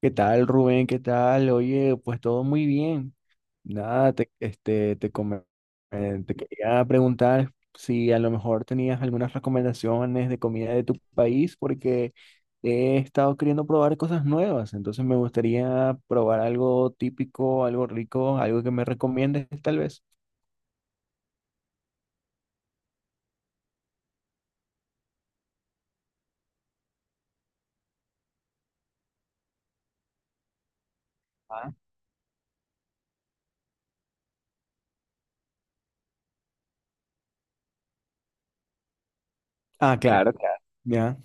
¿Qué tal, Rubén? ¿Qué tal? Oye, pues todo muy bien. Nada, te, este, te, come- te quería preguntar si a lo mejor tenías algunas recomendaciones de comida de tu país, porque he estado queriendo probar cosas nuevas. Entonces me gustaría probar algo típico, algo rico, algo que me recomiendes, tal vez. Ah, claro, claro. Ya.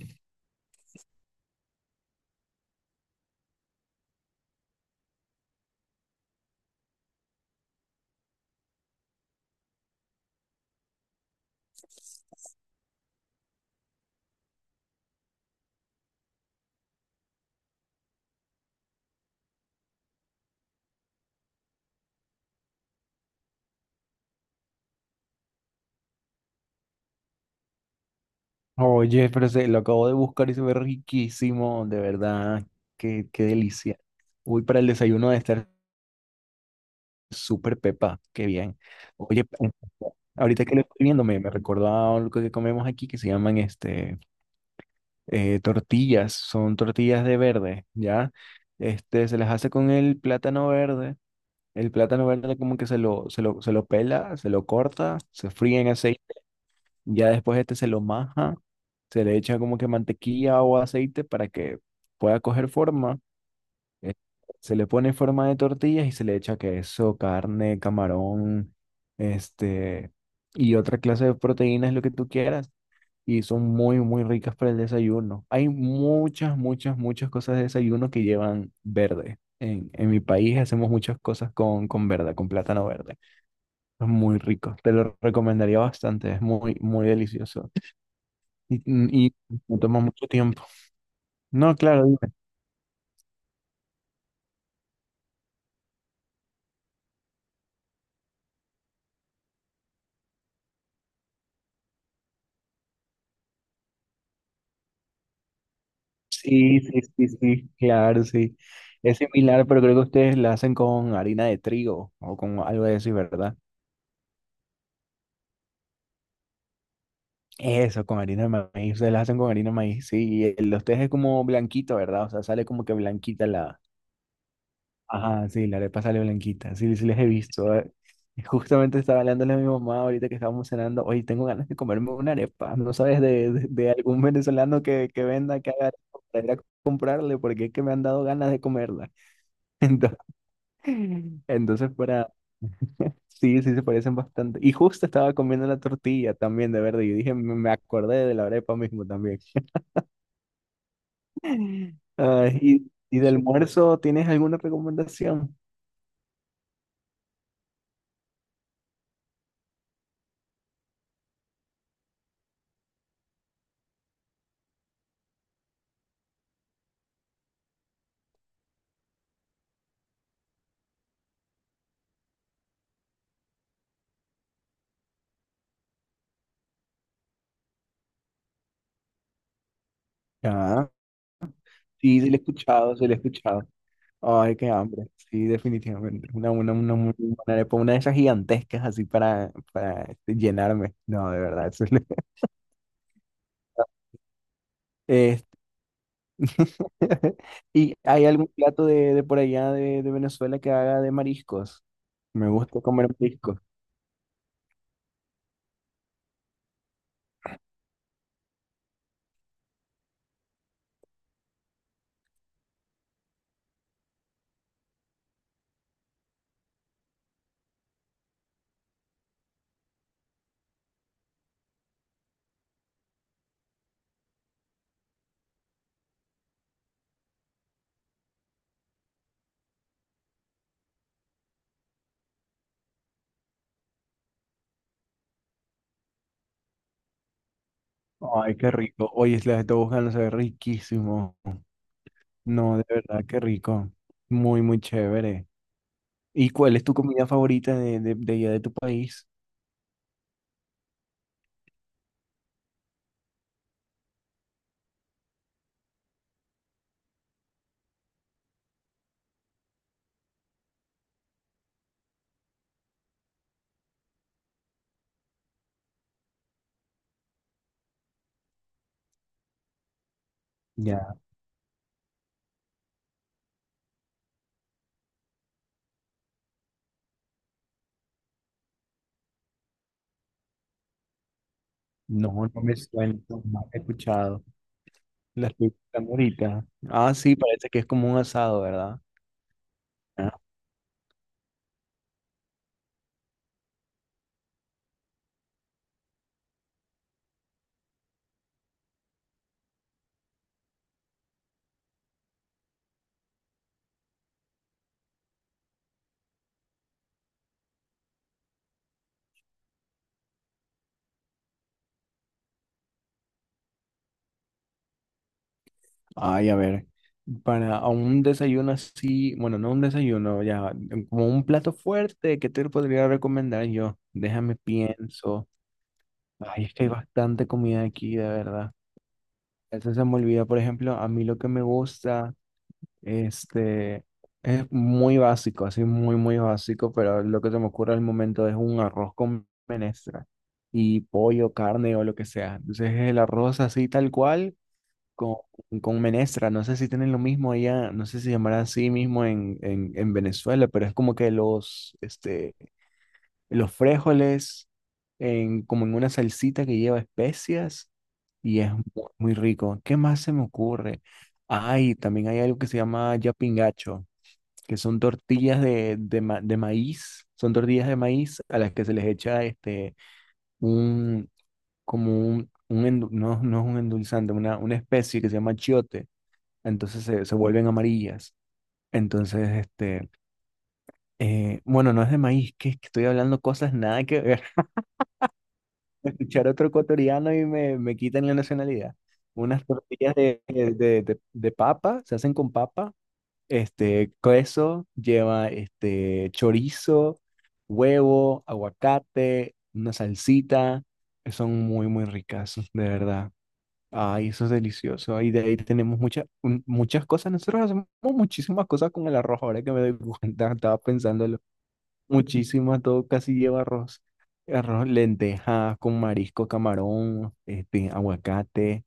Oye, pero lo acabo de buscar y se ve riquísimo, de verdad. Qué, qué delicia. Uy, para el desayuno de estar súper Pepa, qué bien. Oye, ahorita que lo estoy viendo, me recordó a algo que comemos aquí que se llaman tortillas, son tortillas de verde, ¿ya? Este, se las hace con el plátano verde. El plátano verde como que se lo pela, se lo corta, se fríe en aceite, ya después este se lo maja, se le echa como que mantequilla o aceite para que pueda coger forma. Eh, Se le pone en forma de tortillas y se le echa queso, carne, camarón, este, y otra clase de proteínas, lo que tú quieras. Y son muy, muy ricas para el desayuno. Hay muchas, muchas, muchas cosas de desayuno que llevan verde. En mi país hacemos muchas cosas con verde, con plátano verde. Es muy rico. Te lo recomendaría bastante. Es muy, muy delicioso. Y, y no toma mucho tiempo. No, claro. Sí, sí, sí, sí, claro, sí. Es similar, pero creo que ustedes la hacen con harina de trigo o con algo de eso, ¿verdad? Eso, con harina de maíz. Ustedes la hacen con harina de maíz, sí. Y el de ustedes es como blanquito, ¿verdad? O sea, sale como que blanquita la... Ajá, sí, la arepa sale blanquita. Sí, sí, les he visto. Justamente estaba hablando a mi mamá ahorita que estábamos cenando. Oye, tengo ganas de comerme una arepa. ¿No sabes de algún venezolano que venda, que haga arepa para ir a comprarle? Porque es que me han dado ganas de comerla. Entonces fuera, sí, sí se parecen bastante. Y justo estaba comiendo la tortilla también de verde y dije, me acordé de la arepa mismo también. Ah, y de almuerzo, ¿tienes alguna recomendación? Ah, sí, sí, le he escuchado, sí, le he escuchado. Ay, qué hambre. Sí, definitivamente. Una muy buena arepa, una de esas gigantescas así para este, llenarme. No, de verdad. Eso es lo- Este, ¿y hay algún plato de por allá de Venezuela que haga de mariscos? Me gusta comer mariscos. Ay, qué rico. Oye, es la de Tobogán se ve riquísimo. No, de verdad, qué rico. Muy, muy chévere. ¿Y cuál es tu comida favorita de allá de tu país? Ya, no, no me suena, no he escuchado. La estoy buscando ahorita. Ah, sí, parece que es como un asado, ¿verdad? Ah, ay, a ver, para un desayuno así, bueno, no un desayuno, ya, como un plato fuerte, ¿qué te podría recomendar yo? Déjame pienso. Ay, es que hay bastante comida aquí, de verdad. Eso se me olvida, por ejemplo, a mí lo que me gusta, este, es muy básico, así muy, muy básico, pero lo que se me ocurre al momento es un arroz con menestra y pollo, carne o lo que sea. Entonces es el arroz así tal cual con, con menestra. No sé si tienen lo mismo allá, no sé si llamará así mismo en Venezuela, pero es como que los, este, los frijoles en, como en una salsita que lleva especias y es mu- muy rico. ¿Qué más se me ocurre? Ay, también hay algo que se llama yapingacho, que son tortillas de maíz, son tortillas de maíz a las que se les echa este, un, como un endu- no, no es un endulzante, una especie que se llama chiote, entonces se vuelven amarillas. Entonces, este, bueno, no es de maíz, que estoy hablando cosas nada que ver. Escuchar otro ecuatoriano y me quitan la nacionalidad. Unas tortillas de papa, se hacen con papa, este, queso, lleva este, chorizo, huevo, aguacate, una salsita, son muy, muy ricas, de verdad. Ay, eso es delicioso. Y de ahí tenemos muchas muchas cosas. Nosotros hacemos muchísimas cosas con el arroz, ahora que me doy cuenta, estaba pensándolo. Muchísimas, todo casi lleva arroz. Arroz, lentejas con marisco, camarón, este, aguacate.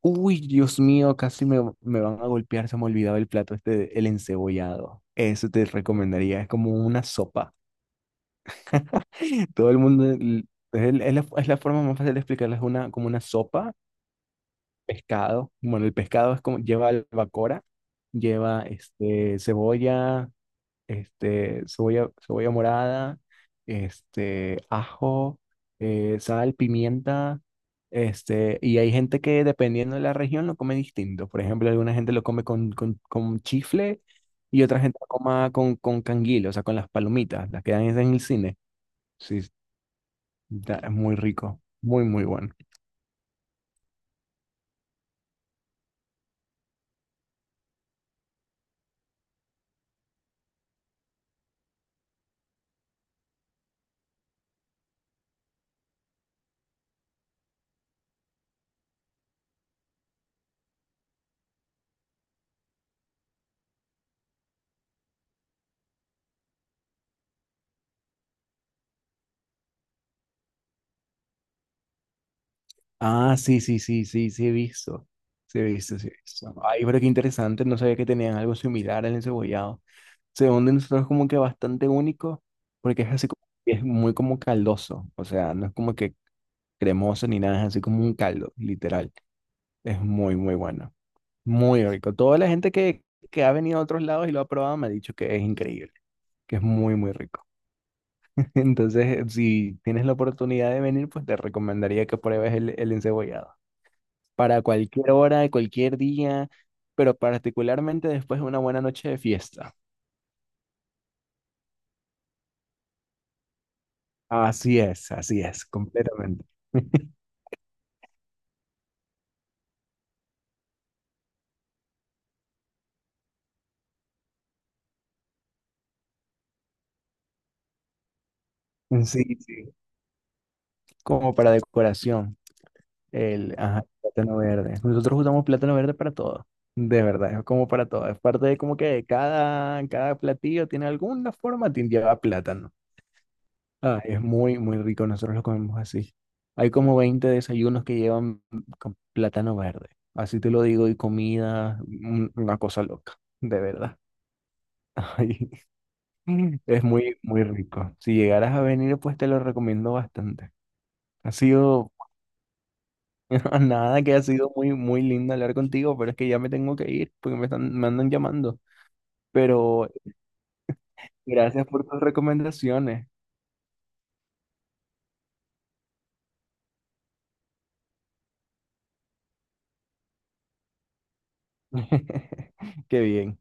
Uy, Dios mío, me van a golpear, se me olvidaba el plato este, de- el encebollado. Eso te recomendaría, es como una sopa. Todo el mundo, l- es, el- es la forma más fácil de explicarlo, es una, como una sopa, pescado. Bueno, el pescado es como, lleva albacora, lleva este, cebolla, cebolla morada, este, ajo, sal, pimienta, este, y hay gente que dependiendo de la región lo come distinto. Por ejemplo, alguna gente lo come con chifle y otra gente lo coma con canguil, o sea, con las palomitas, las que dan en el cine. Sí, da- es muy rico, muy, muy bueno. Ah, sí, sí, sí, sí, sí he visto. Sí he visto, sí he visto. Ay, pero qué interesante, no sabía que tenían algo similar al encebollado. Según de nosotros como que bastante único, porque es así como, es muy como caldoso, o sea, no es como que cremoso ni nada, es así como un caldo, literal. Es muy, muy bueno, muy rico. Toda la gente que ha venido a otros lados y lo ha probado me ha dicho que es increíble, que es muy, muy rico. Entonces, si tienes la oportunidad de venir, pues te recomendaría que pruebes el encebollado para cualquier hora, cualquier día, pero particularmente después de una buena noche de fiesta. Así es, completamente. Sí, sí. Como para decoración, el ajá, plátano verde. Nosotros usamos plátano verde para todo, de verdad, es como para todo. Es parte de como que cada platillo tiene alguna forma, tiene- lleva plátano. Ah, es muy, muy rico. Nosotros lo comemos así. Hay como 20 desayunos que llevan con plátano verde. Así te lo digo, y comida, un- una cosa loca, de verdad. Ay, es muy, muy rico. Si llegaras a venir, pues te lo recomiendo bastante. Ha sido, nada que ha sido muy, muy lindo hablar contigo, pero es que ya me tengo que ir porque me están, me andan llamando. Pero gracias por tus recomendaciones. Qué bien.